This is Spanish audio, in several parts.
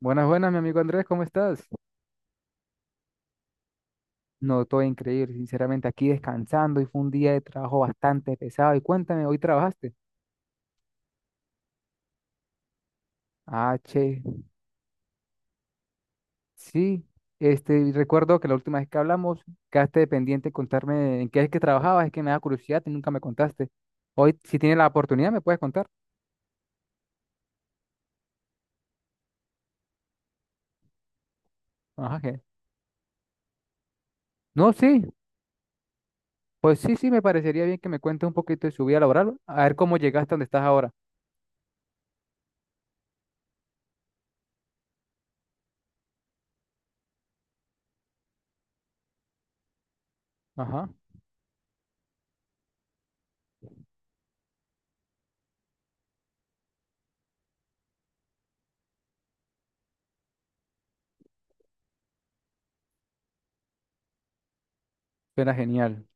Buenas, buenas, mi amigo Andrés, ¿cómo estás? No, todo increíble, sinceramente, aquí descansando y fue un día de trabajo bastante pesado. Y cuéntame, ¿hoy trabajaste? Ah, che, sí, este, y recuerdo que la última vez que hablamos quedaste de pendiente de contarme en qué es que trabajabas, es que me da curiosidad y nunca me contaste. Hoy, si tienes la oportunidad, ¿me puedes contar? Ajá, je. No, sí, pues sí, sí, me parecería bien que me cuentes un poquito de su vida laboral, a ver cómo llegaste a donde estás ahora. Ajá, suena genial.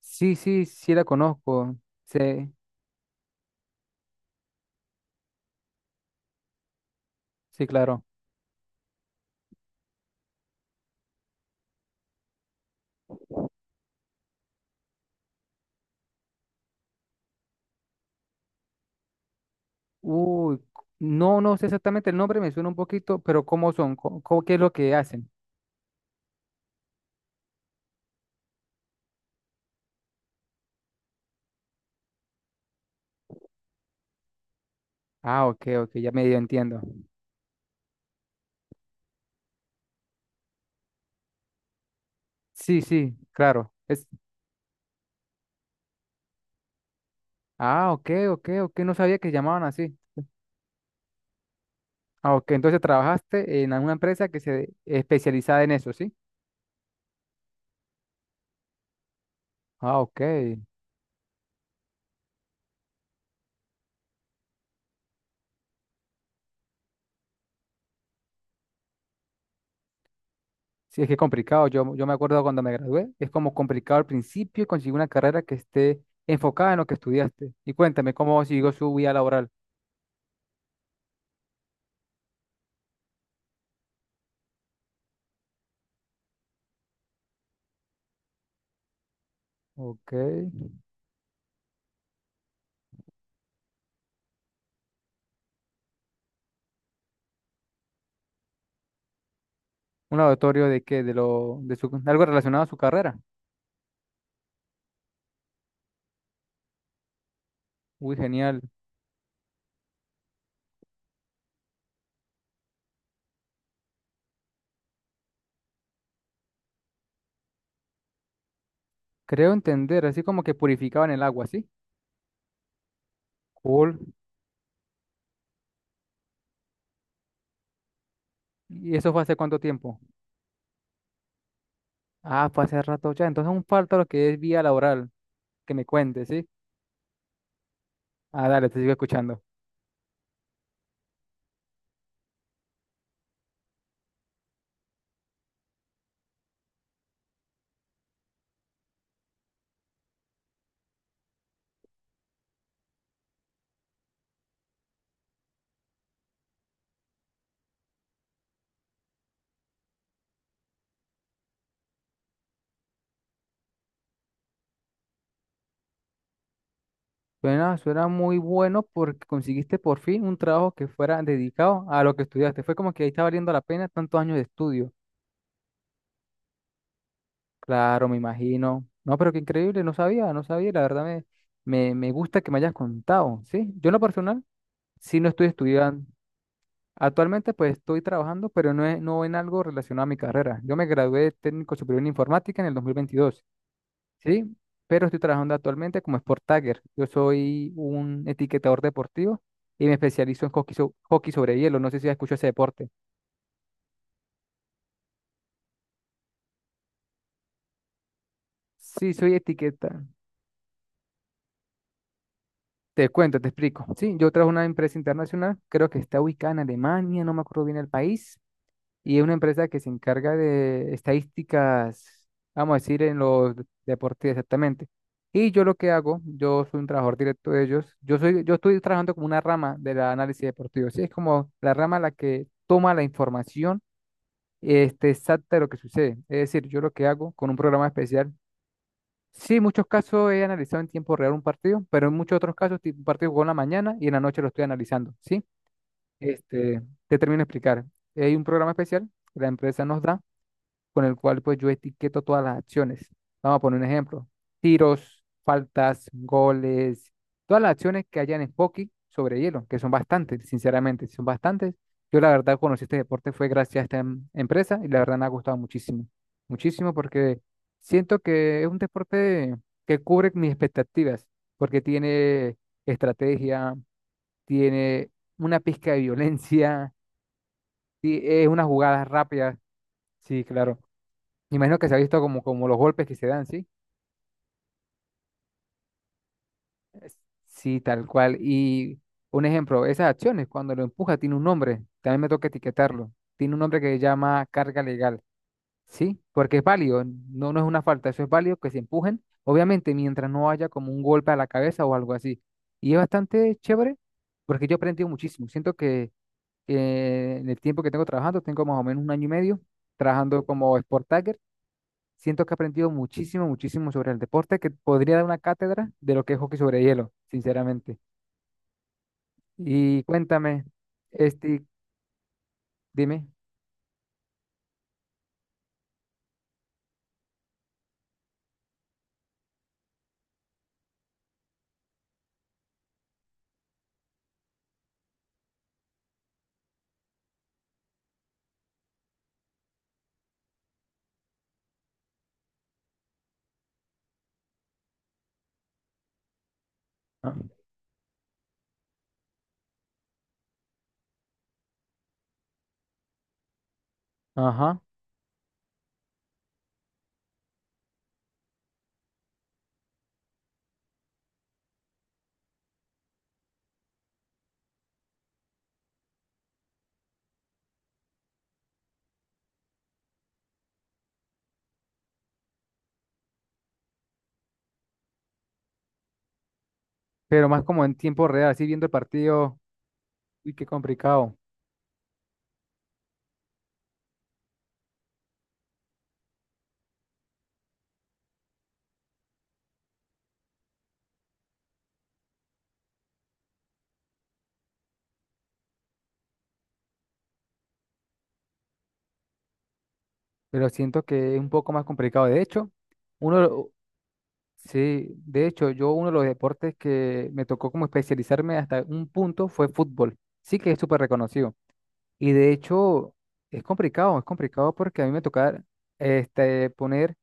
Sí, sí, sí la conozco, sí, sí, claro. Uy, no, no sé exactamente el nombre, me suena un poquito, pero ¿cómo son? ¿ qué es lo que hacen? Ah, ok, ok, ya medio entiendo. Sí, sí, claro. Ah, ok, ok, ok, no sabía que llamaban así. Ah, ok, entonces trabajaste en alguna empresa que se especializaba en eso, ¿sí? Ah, ok. Sí, es que es complicado. Yo me acuerdo cuando me gradué, es como complicado al principio conseguir una carrera que esté enfocada en lo que estudiaste. Y cuéntame, ¿cómo siguió su vida laboral? Ok. Un laboratorio de qué, de lo, de su, algo relacionado a su carrera. Uy, genial. Creo entender, así como que purificaban el agua, ¿sí? Cool. ¿Y eso fue hace cuánto tiempo? Ah, fue hace rato ya. Entonces aún falta lo que es vía laboral, que me cuentes, ¿sí? Ah, dale, te sigo escuchando. Suena muy bueno porque conseguiste por fin un trabajo que fuera dedicado a lo que estudiaste. Fue como que ahí está valiendo la pena tantos años de estudio. Claro, me imagino. No, pero qué increíble, no sabía, no sabía. La verdad me gusta que me hayas contado, ¿sí? Yo en lo personal. Sí, lo estoy estudiando. Actualmente pues estoy trabajando, pero no, no en algo relacionado a mi carrera. Yo me gradué de técnico superior en informática en el 2022, ¿sí? Pero estoy trabajando actualmente como Sport Tagger. Yo soy un etiquetador deportivo y me especializo en hockey, hockey sobre hielo. No sé si has escuchado ese deporte. Sí, soy etiqueta. Te cuento, te explico. Sí, yo trabajo en una empresa internacional, creo que está ubicada en Alemania, no me acuerdo bien el país, y es una empresa que se encarga de estadísticas, vamos a decir, en los deportes exactamente. Y yo lo que hago, yo soy un trabajador directo de ellos, yo estoy trabajando como una rama del análisis deportivo, sí, es como la rama la que toma la información este, exacta de lo que sucede. Es decir, yo lo que hago con un programa especial, sí, en muchos casos he analizado en tiempo real un partido, pero en muchos otros casos, tipo, un partido jugó en la mañana y en la noche lo estoy analizando, ¿sí? Este, te termino de explicar. Hay un programa especial que la empresa nos da con el cual pues yo etiqueto todas las acciones. Vamos a poner un ejemplo. Tiros, faltas, goles, todas las acciones que hayan en hockey sobre hielo, que son bastantes, sinceramente, son bastantes. Yo la verdad conocí este deporte fue gracias a esta empresa y la verdad me ha gustado muchísimo, muchísimo porque siento que es un deporte que cubre mis expectativas, porque tiene estrategia, tiene una pizca de violencia, es unas jugadas rápidas. Sí, claro. Me imagino que se ha visto como los golpes que se dan, ¿sí? Sí, tal cual. Y un ejemplo, esas acciones, cuando lo empuja, tiene un nombre. También me toca etiquetarlo. Tiene un nombre que se llama carga legal, ¿sí? Porque es válido, no, no es una falta, eso es válido que se empujen, obviamente, mientras no haya como un golpe a la cabeza o algo así. Y es bastante chévere porque yo he aprendido muchísimo. Siento que en el tiempo que tengo trabajando, tengo más o menos un año y medio trabajando como Sport Tagger. Siento que he aprendido muchísimo, muchísimo sobre el deporte, que podría dar una cátedra de lo que es hockey sobre hielo, sinceramente. Y cuéntame, este, dime. Ah, ajá, pero más como en tiempo real, así viendo el partido, uy, qué complicado, pero siento que es un poco más complicado. De hecho, uno, de lo- sí, de hecho, yo uno de los deportes que me tocó como especializarme hasta un punto fue fútbol. Sí que es súper reconocido. Y de hecho, es complicado porque a mí me toca este, poner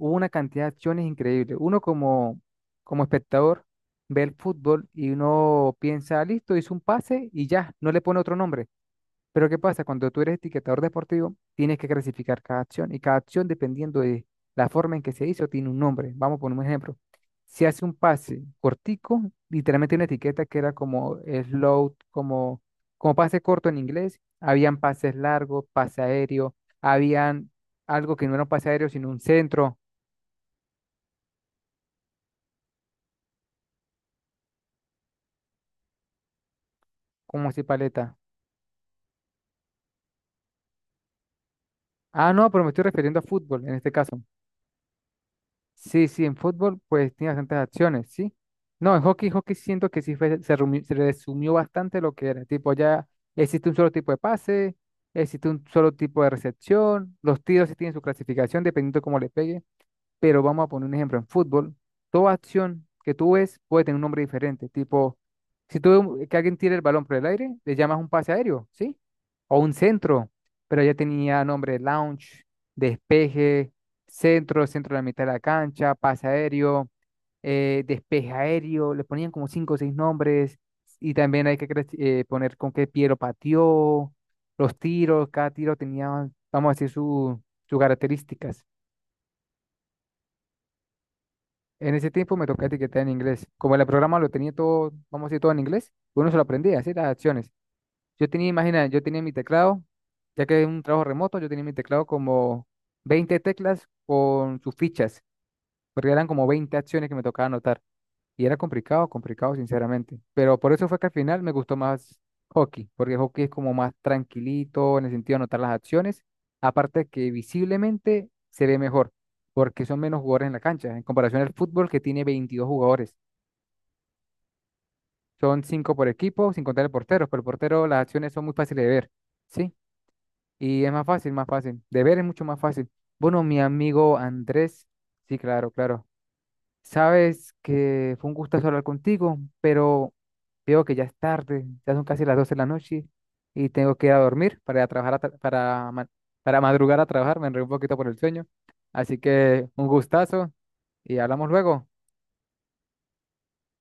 hubo una cantidad de acciones increíbles. Uno como, espectador ve el fútbol y uno piensa, listo, hizo un pase y ya, no le pone otro nombre. Pero ¿qué pasa? Cuando tú eres etiquetador deportivo, tienes que clasificar cada acción y cada acción, dependiendo de la forma en que se hizo, tiene un nombre. Vamos a poner un ejemplo. Si hace un pase cortico, literalmente una etiqueta que era como slow, como pase corto en inglés, habían pases largos, pase aéreo, habían algo que no era un pase aéreo, sino un centro. ¿como así paleta? Ah, no, pero me estoy refiriendo a fútbol en este caso. Sí, sí, en fútbol pues tiene bastantes acciones, ¿sí? No, en hockey, hockey siento que sí se resumió bastante lo que era. Tipo, ya existe un solo tipo de pase, existe un solo tipo de recepción, los tiros sí tienen su clasificación dependiendo de cómo le pegue. Pero vamos a poner un ejemplo, en fútbol, toda acción que tú ves puede tener un nombre diferente, tipo, si tú ves que alguien tira el balón por el aire, le llamas un pase aéreo, ¿sí? O un centro, pero ya tenía nombre de launch, despeje, centro, centro de la mitad de la cancha, pase aéreo, despeje aéreo, le ponían como cinco o seis nombres, y también hay que poner con qué pie lo pateó, los tiros, cada tiro tenía, vamos a decir, sus características. En ese tiempo me tocaba etiquetar en inglés. Como el programa lo tenía todo, vamos a decir, todo en inglés, uno se lo aprendía, así las acciones. Imagina, yo tenía mi teclado, ya que es un trabajo remoto, yo tenía mi teclado como 20 teclas con sus fichas, porque eran como 20 acciones que me tocaba anotar. Y era complicado, complicado, sinceramente. Pero por eso fue que al final me gustó más hockey, porque hockey es como más tranquilito en el sentido de anotar las acciones. Aparte que visiblemente se ve mejor, porque son menos jugadores en la cancha, en comparación al fútbol que tiene 22 jugadores. Son 5 por equipo, sin contar el portero, pero el portero las acciones son muy fáciles de ver, ¿sí? Y es más fácil, más fácil. De ver es mucho más fácil. Bueno, mi amigo Andrés, sí, claro, claro. Sabes que fue un gustazo hablar contigo, pero veo que ya es tarde, ya son casi las 12 de la noche y tengo que ir a dormir para ir a trabajar a para madrugar a trabajar, me enredé un poquito por el sueño. Así que un gustazo y hablamos luego.